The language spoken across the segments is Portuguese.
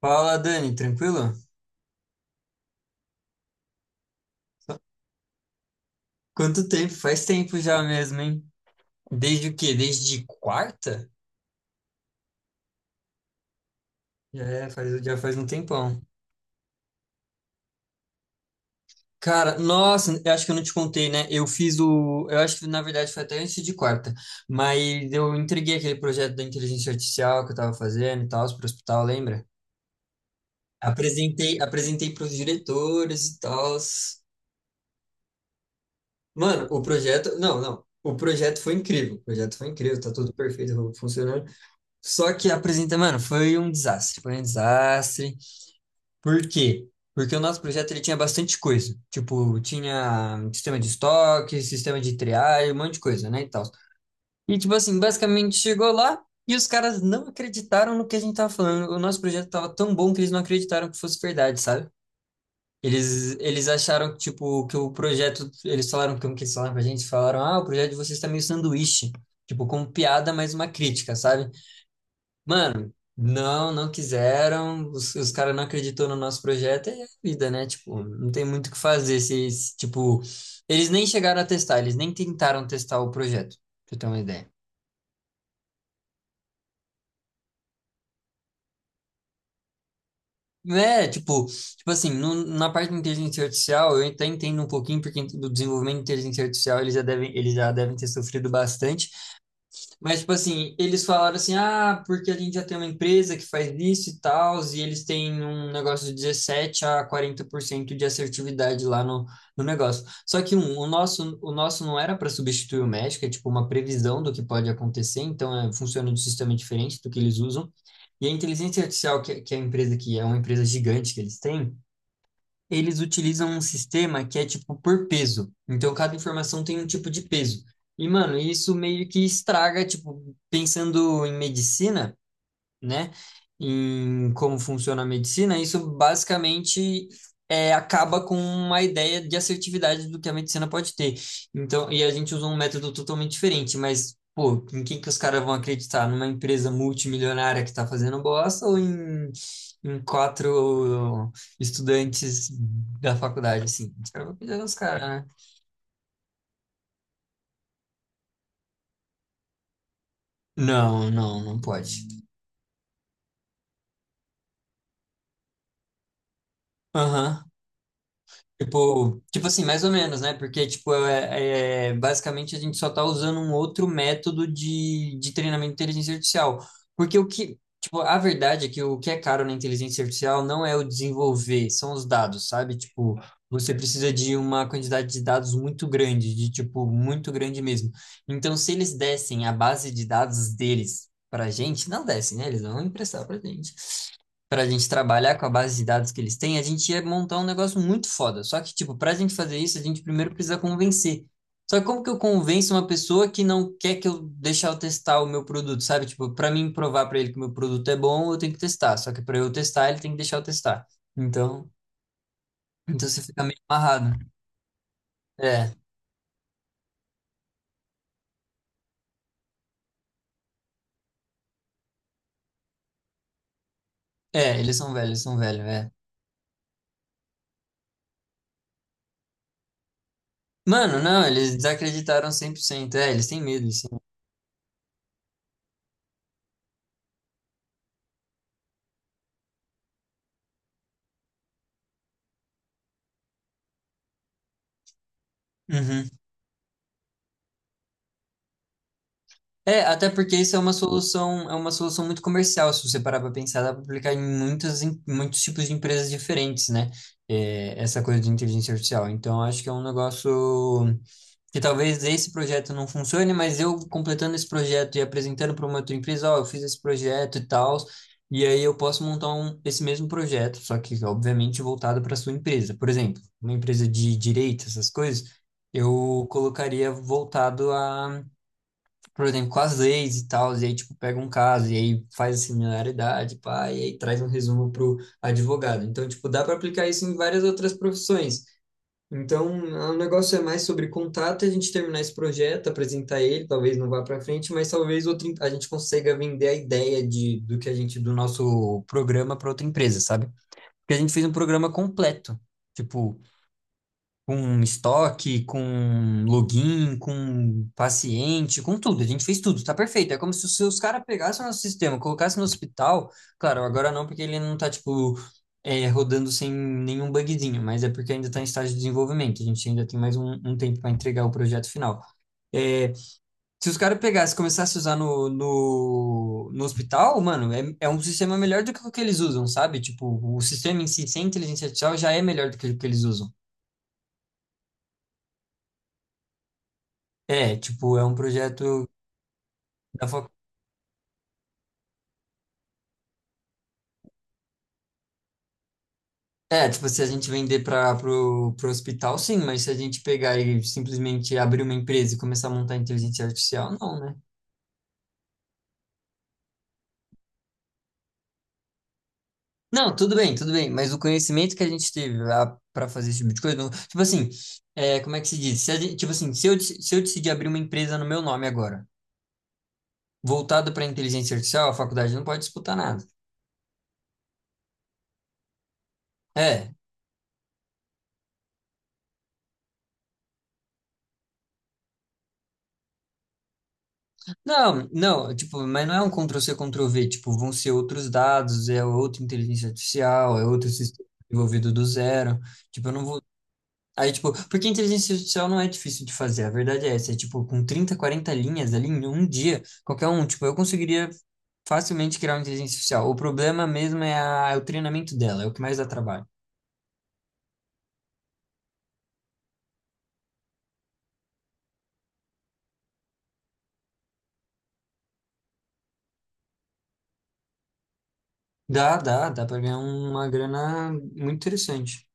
Fala, Dani, tranquilo? Quanto tempo? Faz tempo já mesmo, hein? Desde o quê? Desde quarta? Já é, já faz um tempão. Cara, nossa, eu acho que eu não te contei, né? Eu fiz o. Eu acho que na verdade foi até antes de quarta, mas eu entreguei aquele projeto da inteligência artificial que eu tava fazendo e tal, pro hospital, lembra? Apresentei para os diretores e tal. Mano, o projeto. Não, não. O projeto foi incrível. O projeto foi incrível, tá tudo perfeito, funcionando. Só que apresenta, mano, foi um desastre, foi um desastre. Por quê? Porque o nosso projeto ele tinha bastante coisa. Tipo, tinha sistema de estoque, sistema de triagem, um monte de coisa, né, e tal. E tipo assim, basicamente chegou lá e os caras não acreditaram no que a gente tava falando. O nosso projeto tava tão bom que eles não acreditaram que fosse verdade, sabe? Eles acharam que, tipo, que o projeto, eles falaram como que eles falaram pra gente, falaram: "Ah, o projeto de vocês tá meio sanduíche", tipo, com piada, mas uma crítica, sabe? Mano, não, não quiseram, os caras não acreditou no nosso projeto, é a vida, né? Tipo, não tem muito o que fazer se, se, tipo, eles nem chegaram a testar, eles nem tentaram testar o projeto, pra você ter uma ideia. É, tipo, na parte de inteligência artificial, eu até entendo um pouquinho, porque do desenvolvimento de inteligência artificial eles já devem ter sofrido bastante. Mas, tipo assim, eles falaram assim, ah, porque a gente já tem uma empresa que faz isso e tal, e eles têm um negócio de 17 a 40% de assertividade lá no negócio. Só que o nosso não era para substituir o médico, é tipo uma previsão do que pode acontecer, então é, funciona de um sistema diferente do que eles usam. E a inteligência artificial, que é a empresa que é uma empresa gigante que eles têm, eles utilizam um sistema que é tipo por peso. Então cada informação tem um tipo de peso. E, mano, isso meio que estraga, tipo, pensando em medicina, né, em como funciona a medicina, isso basicamente é, acaba com uma ideia de assertividade do que a medicina pode ter. Então, e a gente usa um método totalmente diferente, mas, pô, em quem que os caras vão acreditar? Numa empresa multimilionária que está fazendo bosta ou em quatro estudantes da faculdade, assim? Os caras vão acreditar nos caras, né? Não, não, não pode. Aham. Tipo assim, mais ou menos, né? Porque, tipo, basicamente a gente só tá usando um outro método de treinamento de inteligência artificial. Porque o que, tipo, a verdade é que o que é caro na inteligência artificial não é o desenvolver, são os dados, sabe? Tipo, você precisa de uma quantidade de dados muito grande, de, tipo, muito grande mesmo. Então, se eles dessem a base de dados deles pra gente, não dessem, né? Eles vão emprestar pra gente para a gente trabalhar com a base de dados que eles têm, a gente ia montar um negócio muito foda. Só que, tipo, para a gente fazer isso, a gente primeiro precisa convencer. Só que como que eu convenço uma pessoa que não quer que eu deixar eu testar o meu produto, sabe? Tipo, para mim provar para ele que o meu produto é bom, eu tenho que testar. Só que para eu testar, ele tem que deixar eu testar. Então, então você fica meio amarrado. É, eles são velhos, é. Mano, não, eles desacreditaram 100%. É, eles têm medo, eles É, até porque isso é uma solução muito comercial, se você parar para pensar, dá para aplicar em muitas, em muitos tipos de empresas diferentes, né? É, essa coisa de inteligência artificial. Então, acho que é um negócio que talvez esse projeto não funcione, mas eu completando esse projeto e apresentando para uma outra empresa, ó, eu fiz esse projeto e tal, e aí eu posso montar um, esse mesmo projeto, só que obviamente voltado para sua empresa. Por exemplo, uma empresa de direito, essas coisas, eu colocaria voltado a por exemplo, com as leis e tal, e aí, tipo, pega um caso, e aí faz a similaridade, pá, e aí traz um resumo pro advogado. Então, tipo, dá para aplicar isso em várias outras profissões. Então, o negócio é mais sobre contato, a gente terminar esse projeto, apresentar ele, talvez não vá para frente, mas talvez outra, a gente consiga vender a ideia de, do que a gente, do nosso programa para outra empresa, sabe? Porque a gente fez um programa completo. Tipo, com estoque, com login, com paciente, com tudo. A gente fez tudo, tá perfeito. É como se os caras pegassem o nosso sistema, colocassem no hospital. Claro, agora não, porque ele não tá, tipo, é, rodando sem nenhum bugzinho, mas é porque ainda tá em estágio de desenvolvimento. A gente ainda tem mais um tempo para entregar o projeto final. É, se os caras pegassem e começassem a usar no hospital, mano, é, é um sistema melhor do que o que eles usam, sabe? Tipo, o sistema em si, sem inteligência artificial, já é melhor do que o que eles usam. É, tipo, é um projeto da fac... É, tipo, se a gente vender pro hospital, sim, mas se a gente pegar e simplesmente abrir uma empresa e começar a montar inteligência artificial, não, né? Não, tudo bem, mas o conhecimento que a gente teve para fazer esse tipo de coisa, tipo assim, é, como é que se diz? Se a gente- tipo assim, se eu decidir abrir uma empresa no meu nome agora, voltado para inteligência artificial, a faculdade não pode disputar nada. É, não, não, tipo, mas não é um Ctrl-C, Ctrl-V, tipo, vão ser outros dados, é outra inteligência artificial, é outro sistema desenvolvido do zero, tipo, eu não vou... Aí, tipo, porque inteligência artificial não é difícil de fazer, a verdade é essa, é tipo, com 30, 40 linhas ali em um dia, qualquer um, tipo, eu conseguiria facilmente criar uma inteligência artificial. O problema mesmo é, é o treinamento dela, é o que mais dá trabalho. Dá pra ganhar uma grana muito interessante.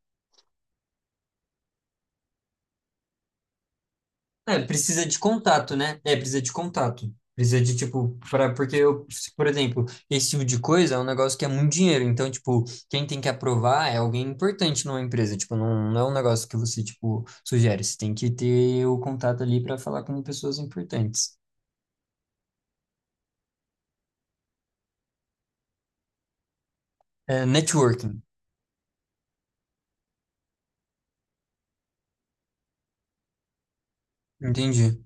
É, precisa de contato, né? É, precisa de contato. Precisa de, tipo, pra, porque eu, por exemplo, esse tipo de coisa é um negócio que é muito dinheiro. Então, tipo, quem tem que aprovar é alguém importante numa empresa. Tipo, não, não é um negócio que você, tipo, sugere. Você tem que ter o contato ali para falar com pessoas importantes. É, networking, entendi.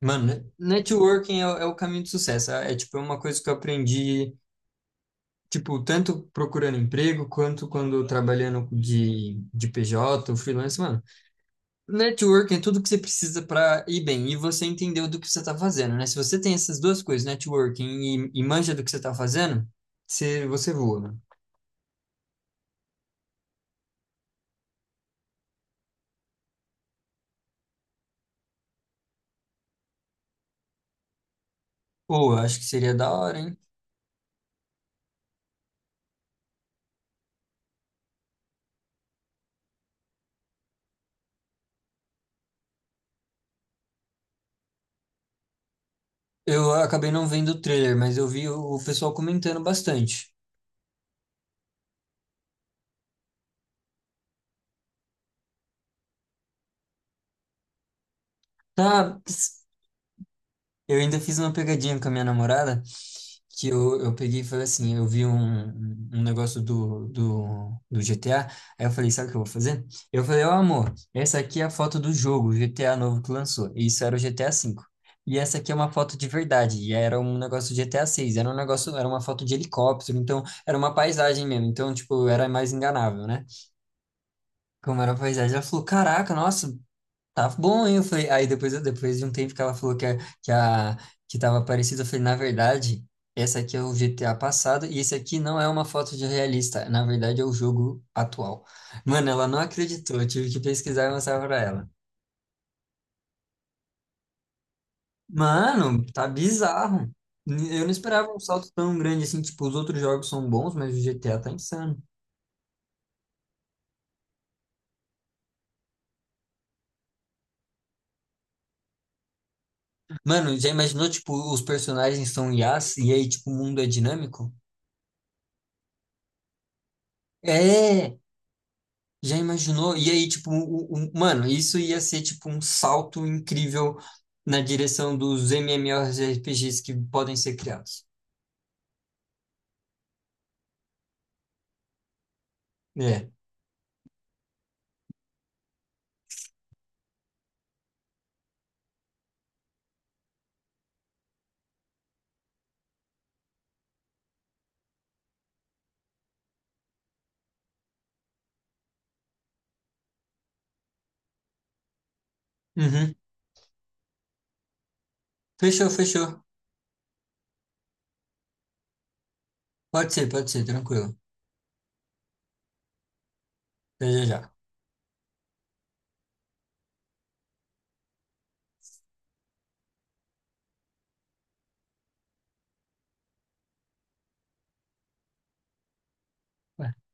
Mano, networking é, o é o caminho do sucesso. Tipo, é uma coisa que eu aprendi, tipo, tanto procurando emprego quanto quando trabalhando de PJ, freelance, mano. Networking é tudo que você precisa para ir bem e você entendeu do que você está fazendo, né? Se você tem essas duas coisas, networking e manja do que você está fazendo, você voa, né? Pô, eu acho que seria da hora, hein? Eu acabei não vendo o trailer, mas eu vi o pessoal comentando bastante. Tá. Eu ainda fiz uma pegadinha com a minha namorada, que eu peguei e falei assim, eu vi um negócio do GTA, aí eu falei, sabe o que eu vou fazer? Eu falei, ó amor, essa aqui é a foto do jogo, GTA novo que lançou, e isso era o GTA V. E essa aqui é uma foto de verdade, e era um negócio do GTA VI, era um negócio, era uma foto de helicóptero, então era uma paisagem mesmo, então tipo, era mais enganável, né? Como era a paisagem, ela falou, caraca, nossa, tá bom, hein? Eu falei, aí depois de um tempo que ela falou que tava parecido, eu falei, na verdade, essa aqui é o GTA passado e esse aqui não é uma foto de realista, na verdade é o jogo atual. Mano, ela não acreditou, eu tive que pesquisar e mostrar pra ela. Mano, tá bizarro. Eu não esperava um salto tão grande assim, tipo, os outros jogos são bons, mas o GTA tá insano. Mano, já imaginou, tipo, os personagens são IAs e aí, tipo, o mundo é dinâmico? É! Já imaginou? E aí, tipo, mano, isso ia ser tipo um salto incrível na direção dos MMORPGs que podem ser criados. É. Uhum. Fechou, fechou. Pode ser, tranquilo. Até já já.